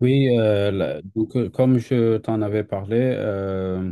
Comme je t'en avais parlé, euh,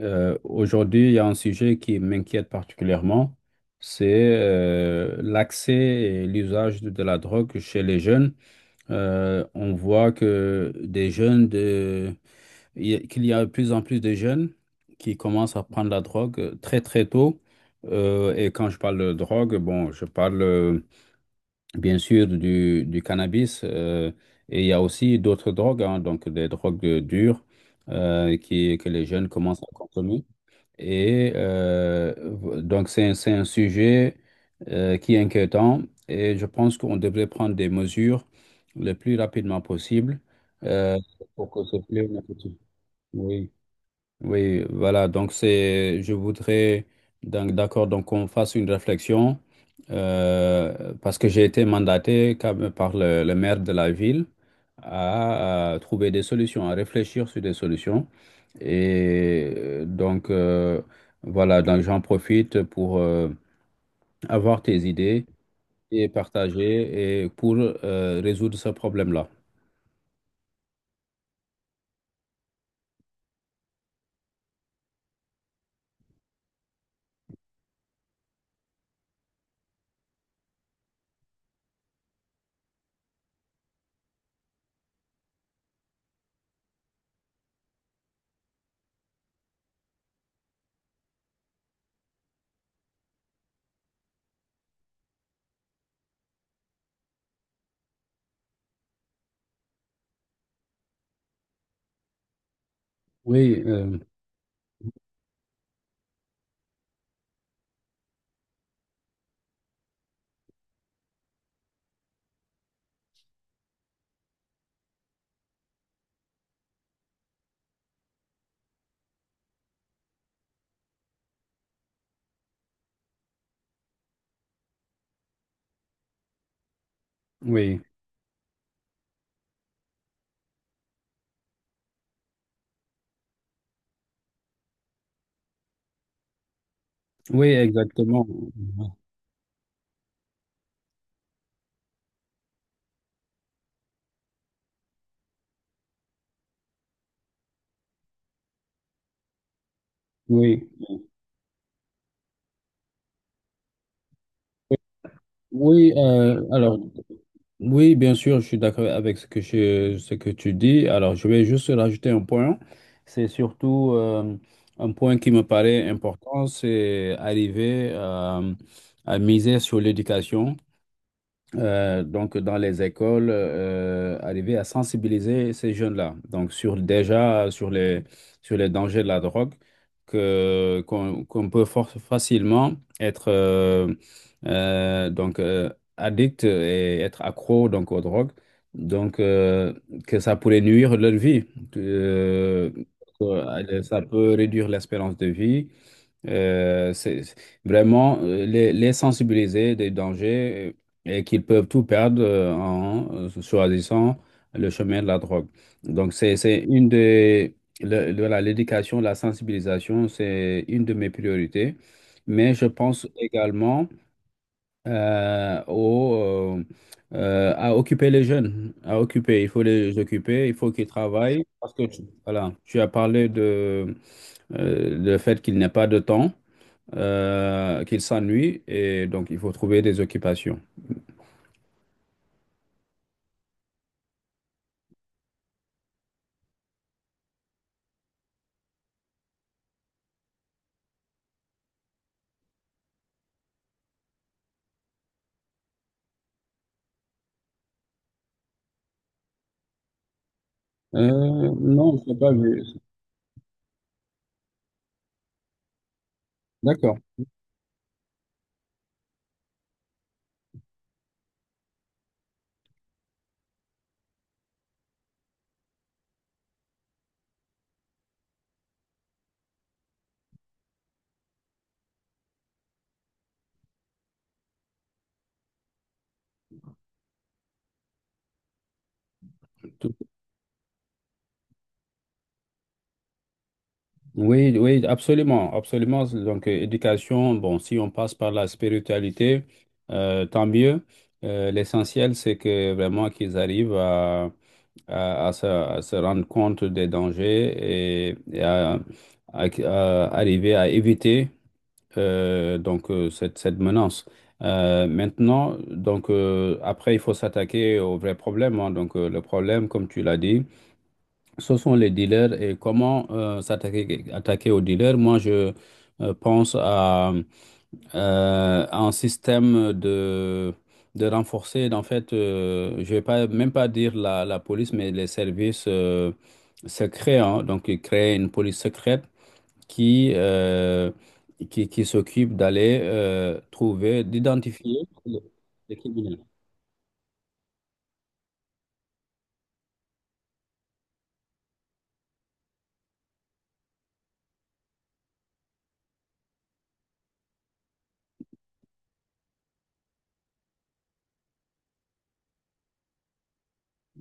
euh, aujourd'hui, il y a un sujet qui m'inquiète particulièrement, c'est l'accès et l'usage de la drogue chez les jeunes. On voit que des jeunes de, qu'il y a de plus en plus de jeunes qui commencent à prendre la drogue très très tôt. Et quand je parle de drogue, bon, je parle bien sûr, du cannabis. Et il y a aussi d'autres drogues, hein, donc des drogues dures que les jeunes commencent à consommer. C'est un sujet qui est inquiétant. Et je pense qu'on devrait prendre des mesures le plus rapidement possible euh, pour que ce fléau ne continue. Oui. Oui, voilà, donc c'est, je voudrais, donc, d'accord, donc qu'on fasse une réflexion, parce que j'ai été mandaté quand même par le maire de la ville à trouver des solutions, à réfléchir sur des solutions. Et euh, donc, euh, voilà, donc j'en profite pour avoir tes idées et partager et pour résoudre ce problème-là. Oui, euh, oui, oui, exactement. Oui, oui. Oui, bien sûr, je suis d'accord avec ce que tu dis. Alors, je vais juste rajouter un point. C'est surtout un point qui me paraît important, c'est arriver à miser sur l'éducation donc dans les écoles, arriver à sensibiliser ces jeunes-là, donc sur les dangers de la drogue, que qu'on qu'on peut facilement être euh, donc euh, addict et être accro donc aux drogues, donc euh, que ça pourrait nuire leur vie, que, que ça peut réduire l'espérance de vie. Euh, c'est c'est- vraiment les sensibiliser des dangers et qu'ils peuvent tout perdre en choisissant le chemin de la drogue. Donc, c'est une des. Le- Voilà, l'éducation, la sensibilisation, c'est une de mes priorités. Mais je pense également euh, au, euh, à occuper les jeunes. À occuper, il faut les occuper, il faut qu'ils travaillent. Parce que, voilà, tu as parlé de, le fait qu'il n'y a pas de temps qu'il s'ennuie et donc il faut trouver des occupations. Euh, non, je sais pas, mais... D'accord. Tout- Oui, oui, absolument, absolument. Donc, éducation, bon, si on passe par la spiritualité, tant mieux. L'essentiel, c'est que vraiment qu'ils arrivent à, à se rendre compte des dangers et à arriver à éviter cette menace. Maintenant, après, il faut s'attaquer au vrai problème, hein. Le problème, comme tu l'as dit, ce sont les dealers et comment s'attaquer attaquer aux dealers. Moi, je pense à, un système de renforcer. En fait, je vais pas dire la police, mais les services secrets, hein. Donc, créer une police secrète qui, euh, qui s'occupe d'aller trouver, d'identifier les criminels.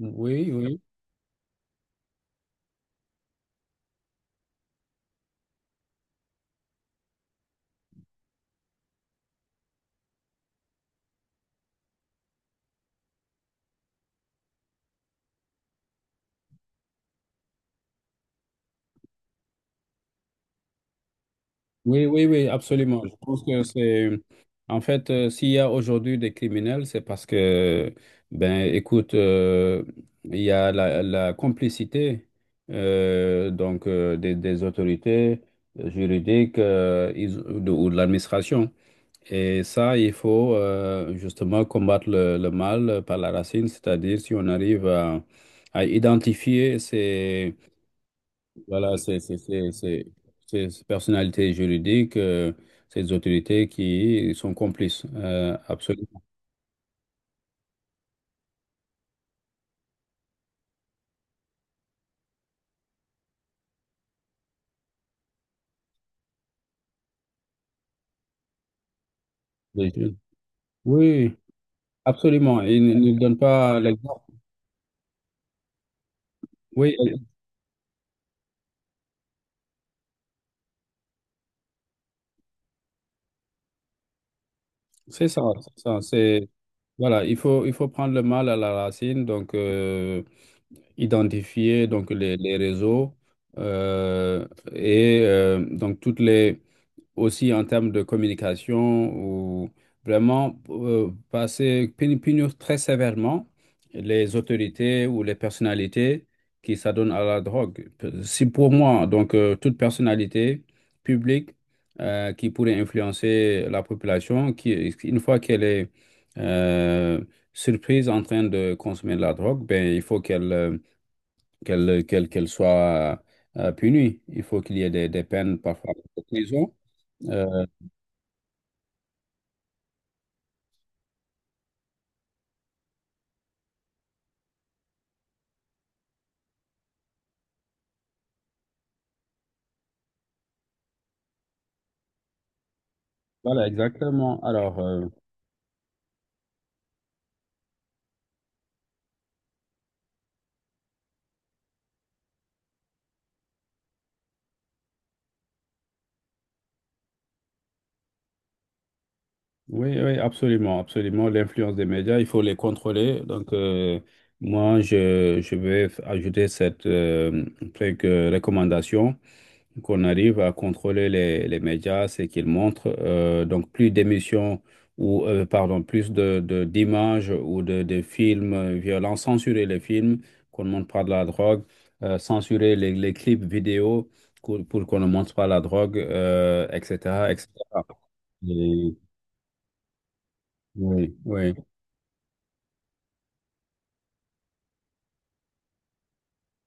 Oui, oui, oui, absolument. Je pense que c'est, en fait, s'il y a aujourd'hui des criminels, c'est parce que, ben, écoute, il y a la complicité des autorités juridiques ou de l'administration. Et ça, il faut justement combattre le mal par la racine, c'est-à-dire si on arrive à identifier ces, voilà, ces personnalités juridiques, ces autorités qui sont complices. Absolument. Oui, absolument. Ils ne Il ne donnent pas l'exemple. Oui, c'est ça, c'est ça. Voilà, il faut prendre le mal à la racine. Donc, identifier donc les réseaux euh, et donc toutes les aussi en termes de communication ou vraiment passer punir très sévèrement les autorités ou les personnalités qui s'adonnent à la drogue. Si pour moi toute personnalité publique qui pourrait influencer la population qui une fois qu'elle est euh, surprise en train de consommer de la drogue, ben il faut qu'elle qu'elle soit punie. Il faut qu'il y ait des peines parfois de prison. Euh, voilà, exactement. Oui, oui, absolument, absolument. L'influence des médias, il faut les contrôler. Donc, moi, je vais ajouter cette recommandation qu'on arrive à contrôler les médias, c'est qu'ils montrent donc plus d'émissions ou pardon, plus d'images ou de films violents, censurer les films, qu'on ne montre pas de la drogue, censurer les clips vidéo pour qu'on ne montre pas la drogue, etc., etc. Cetera. Et- oui, oui,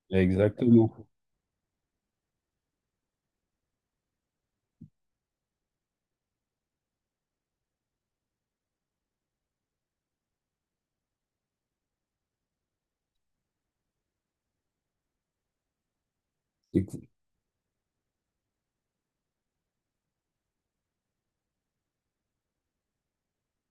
exactement.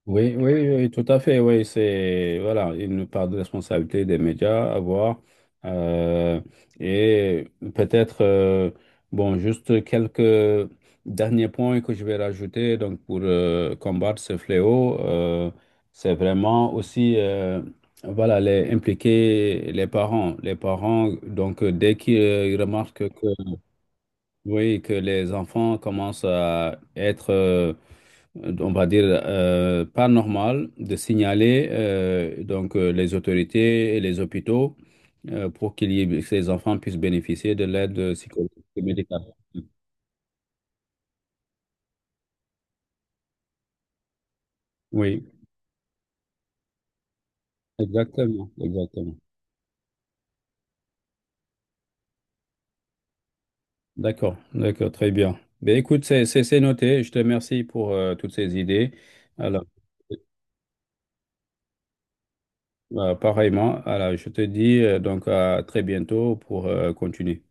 Oui, oui, oui, tout à fait. Oui, c'est voilà une part de responsabilité des médias à voir euh, et peut-être bon juste quelques derniers points que je vais rajouter donc pour combattre ce fléau, c'est vraiment aussi voilà les impliquer les parents donc dès qu'ils remarquent que oui que les enfants commencent à être on va dire, pas normal de signaler les autorités et les hôpitaux pour que ces enfants puissent bénéficier de l'aide psychologique et médicale. Oui, exactement, exactement. D'accord, d'accord, très bien. Ben, écoute, c'est noté. Je te remercie pour toutes ces idées. Alors, pareillement, alors, je te dis donc à très bientôt pour continuer.